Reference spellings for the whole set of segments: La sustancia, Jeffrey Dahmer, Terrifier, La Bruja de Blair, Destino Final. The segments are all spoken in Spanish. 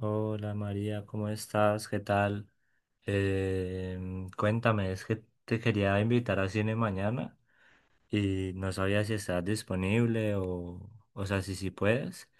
Hola María, ¿cómo estás? ¿Qué tal? Cuéntame, es que te quería invitar a cine mañana y no sabía si estás disponible o sea, si sí puedes.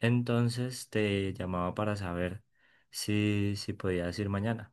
Entonces te llamaba para saber si podías ir mañana.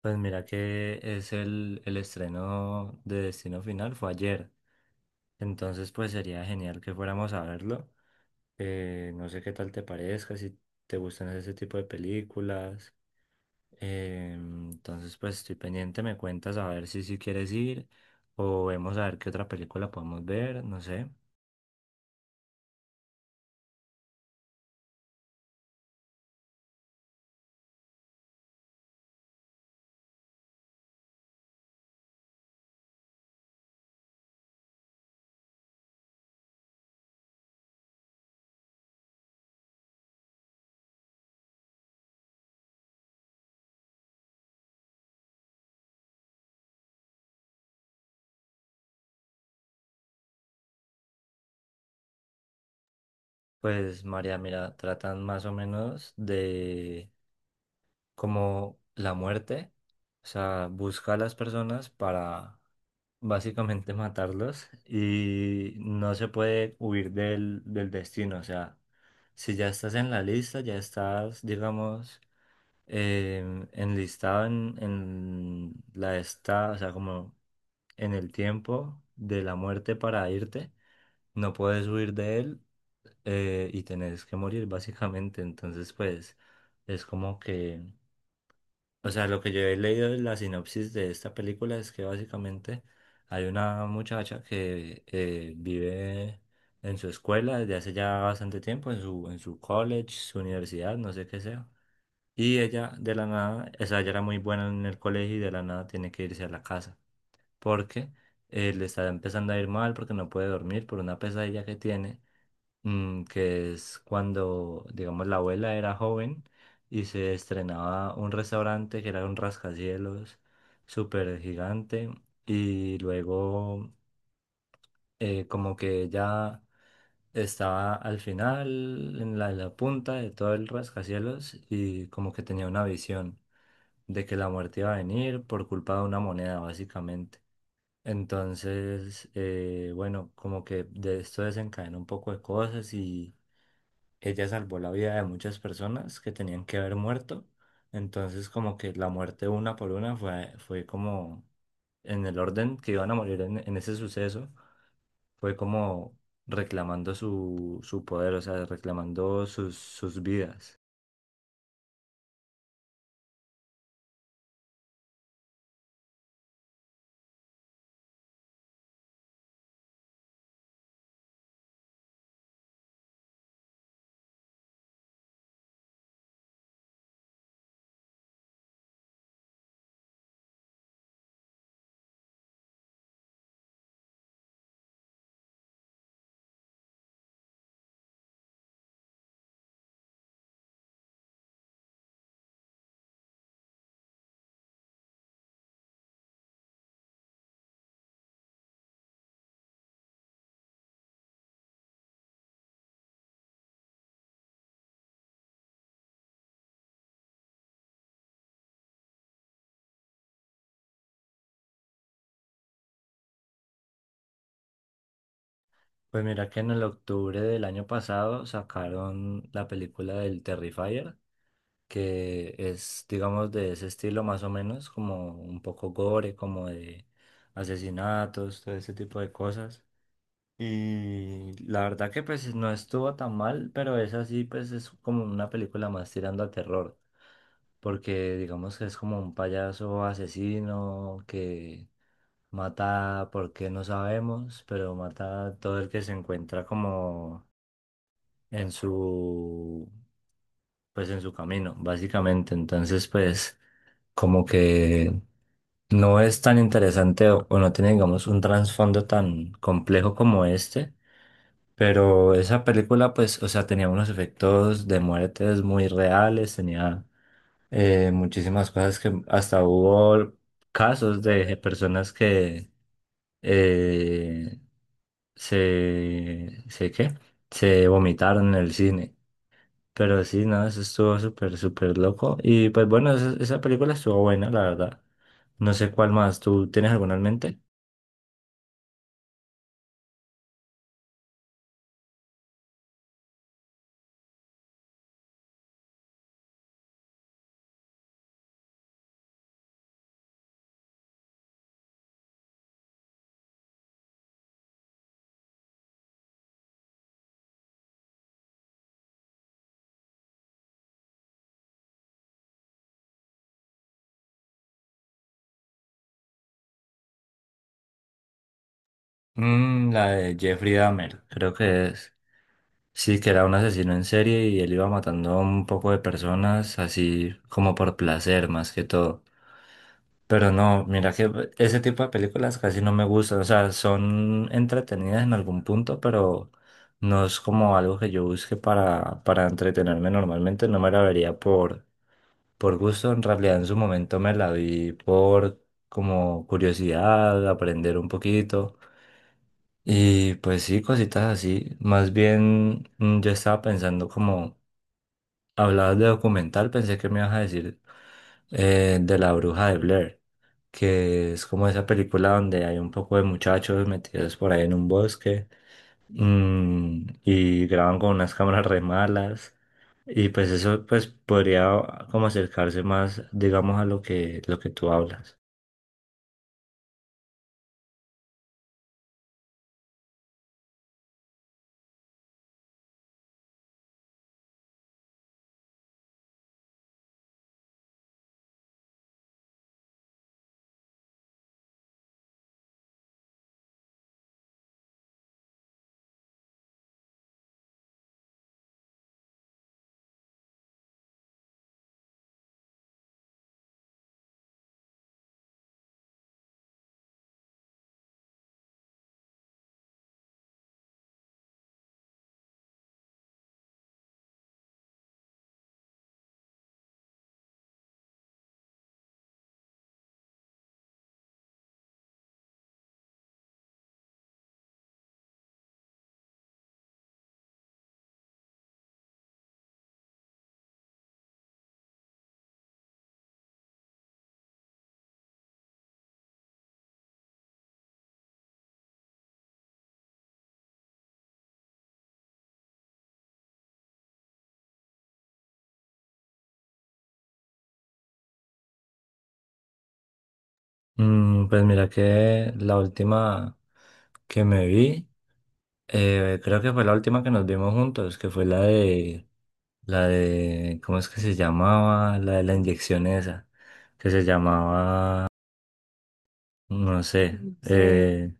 Pues mira que es el estreno de Destino Final, fue ayer. Entonces pues sería genial que fuéramos a verlo. No sé qué tal te parezca, si te gustan ese tipo de películas. Entonces, pues estoy pendiente, me cuentas a ver si quieres ir o vemos a ver qué otra película podemos ver, no sé. Pues María, mira, tratan más o menos de como la muerte, o sea, busca a las personas para básicamente matarlos y no se puede huir del destino, o sea, si ya estás en la lista, ya estás, digamos, enlistado en la esta, o sea, como en el tiempo de la muerte para irte, no puedes huir de él y tenés que morir básicamente. Entonces, pues es como que, o sea, lo que yo he leído en la sinopsis de esta película es que básicamente hay una muchacha que vive en su escuela desde hace ya bastante tiempo, en su college, su universidad, no sé qué sea. Y ella de la nada, o sea, ella era muy buena en el colegio y de la nada tiene que irse a la casa porque le está empezando a ir mal porque no puede dormir por una pesadilla que tiene, mm, que es cuando, digamos, la abuela era joven y se estrenaba un restaurante que era un rascacielos súper gigante y luego como que ella estaba al final en la punta de todo el rascacielos y como que tenía una visión de que la muerte iba a venir por culpa de una moneda, básicamente. Entonces, bueno, como que de esto desencadenó un poco de cosas y ella salvó la vida de muchas personas que tenían que haber muerto. Entonces, como que la muerte una por una fue como en el orden que iban a morir en ese suceso, fue como reclamando su poder, o sea, reclamando sus vidas. Pues mira que en el octubre del año pasado sacaron la película del Terrifier, que es, digamos, de ese estilo más o menos, como un poco gore, como de asesinatos, todo ese tipo de cosas. Y la verdad que pues no estuvo tan mal, pero esa sí pues es como una película más tirando a terror, porque digamos que es como un payaso asesino que mata porque no sabemos, pero mata a todo el que se encuentra como en su, pues en su camino, básicamente. Entonces, pues como que no es tan interesante o no tiene, digamos, un trasfondo tan complejo como este, pero esa película, pues, o sea, tenía unos efectos de muertes muy reales, tenía muchísimas cosas que hasta hubo casos de personas que eh, se, ¿qué? Se vomitaron en el cine. Pero sí, no, eso estuvo súper, súper loco. Y pues bueno, esa película estuvo buena, la verdad. No sé cuál más. ¿Tú tienes alguna en mente? Mm, la de Jeffrey Dahmer, creo que es. Sí, que era un asesino en serie y él iba matando a un poco de personas así como por placer más que todo. Pero no, mira que ese tipo de películas casi no me gustan. O sea, son entretenidas en algún punto, pero no es como algo que yo busque para entretenerme normalmente. No me la vería por. Por gusto, en realidad en su momento me la vi por como curiosidad, aprender un poquito. Y pues sí, cositas así. Más bien mm, yo estaba pensando como, hablabas de documental, pensé que me ibas a decir de La Bruja de Blair, que es como esa película donde hay un poco de muchachos metidos por ahí en un bosque mm, y graban con unas cámaras re malas. Y pues eso pues podría como acercarse más, digamos, a lo que tú hablas. Mm, pues mira que la última que me vi, creo que fue la última que nos vimos juntos, que fue la de, ¿cómo es que se llamaba? La de la inyección esa, que se llamaba, no sé, no sé. eh,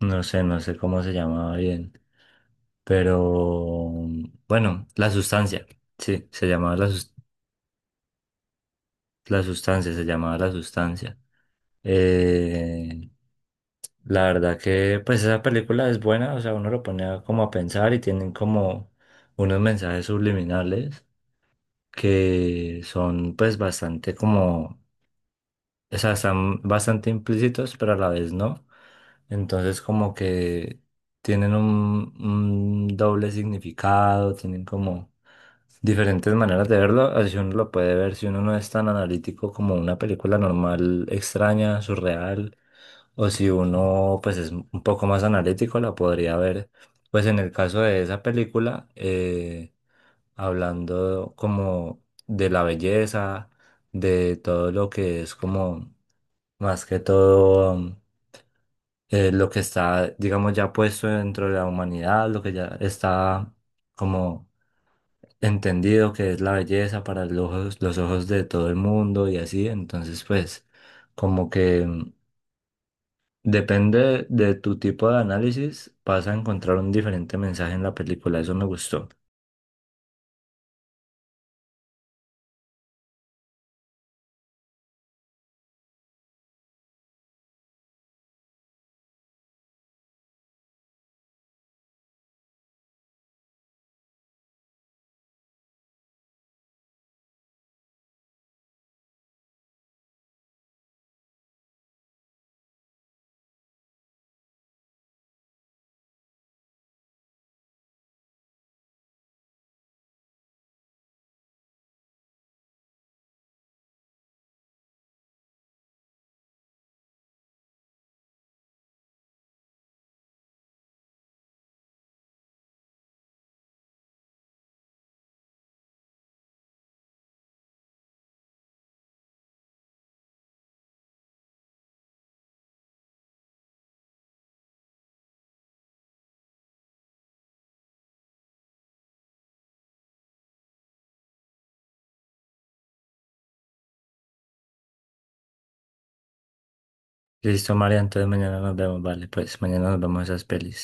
no sé, no sé cómo se llamaba bien, pero bueno, la sustancia, sí, se llamaba la sustancia. La sustancia, se llamaba La Sustancia. Eh, la verdad que pues esa película es buena, o sea, uno lo pone a- como a pensar y tienen como unos mensajes subliminales que son pues bastante como, o sea, están bastante implícitos, pero a la vez no. Entonces como que tienen un doble significado, tienen como diferentes maneras de verlo, así uno lo puede ver, si uno no es tan analítico como una película normal, extraña, surreal, o si uno pues es un poco más analítico, la podría ver. Pues en el caso de esa película, hablando como de la belleza, de todo lo que es como más que todo... lo que está, digamos, ya puesto dentro de la humanidad, lo que ya está como entendido que es la belleza para los ojos de todo el mundo y así, entonces pues como que mm, depende de tu tipo de análisis, vas a encontrar un diferente mensaje en la película, eso me gustó. Listo, María, entonces mañana nos vemos, vale, pues mañana nos vemos esas pelis.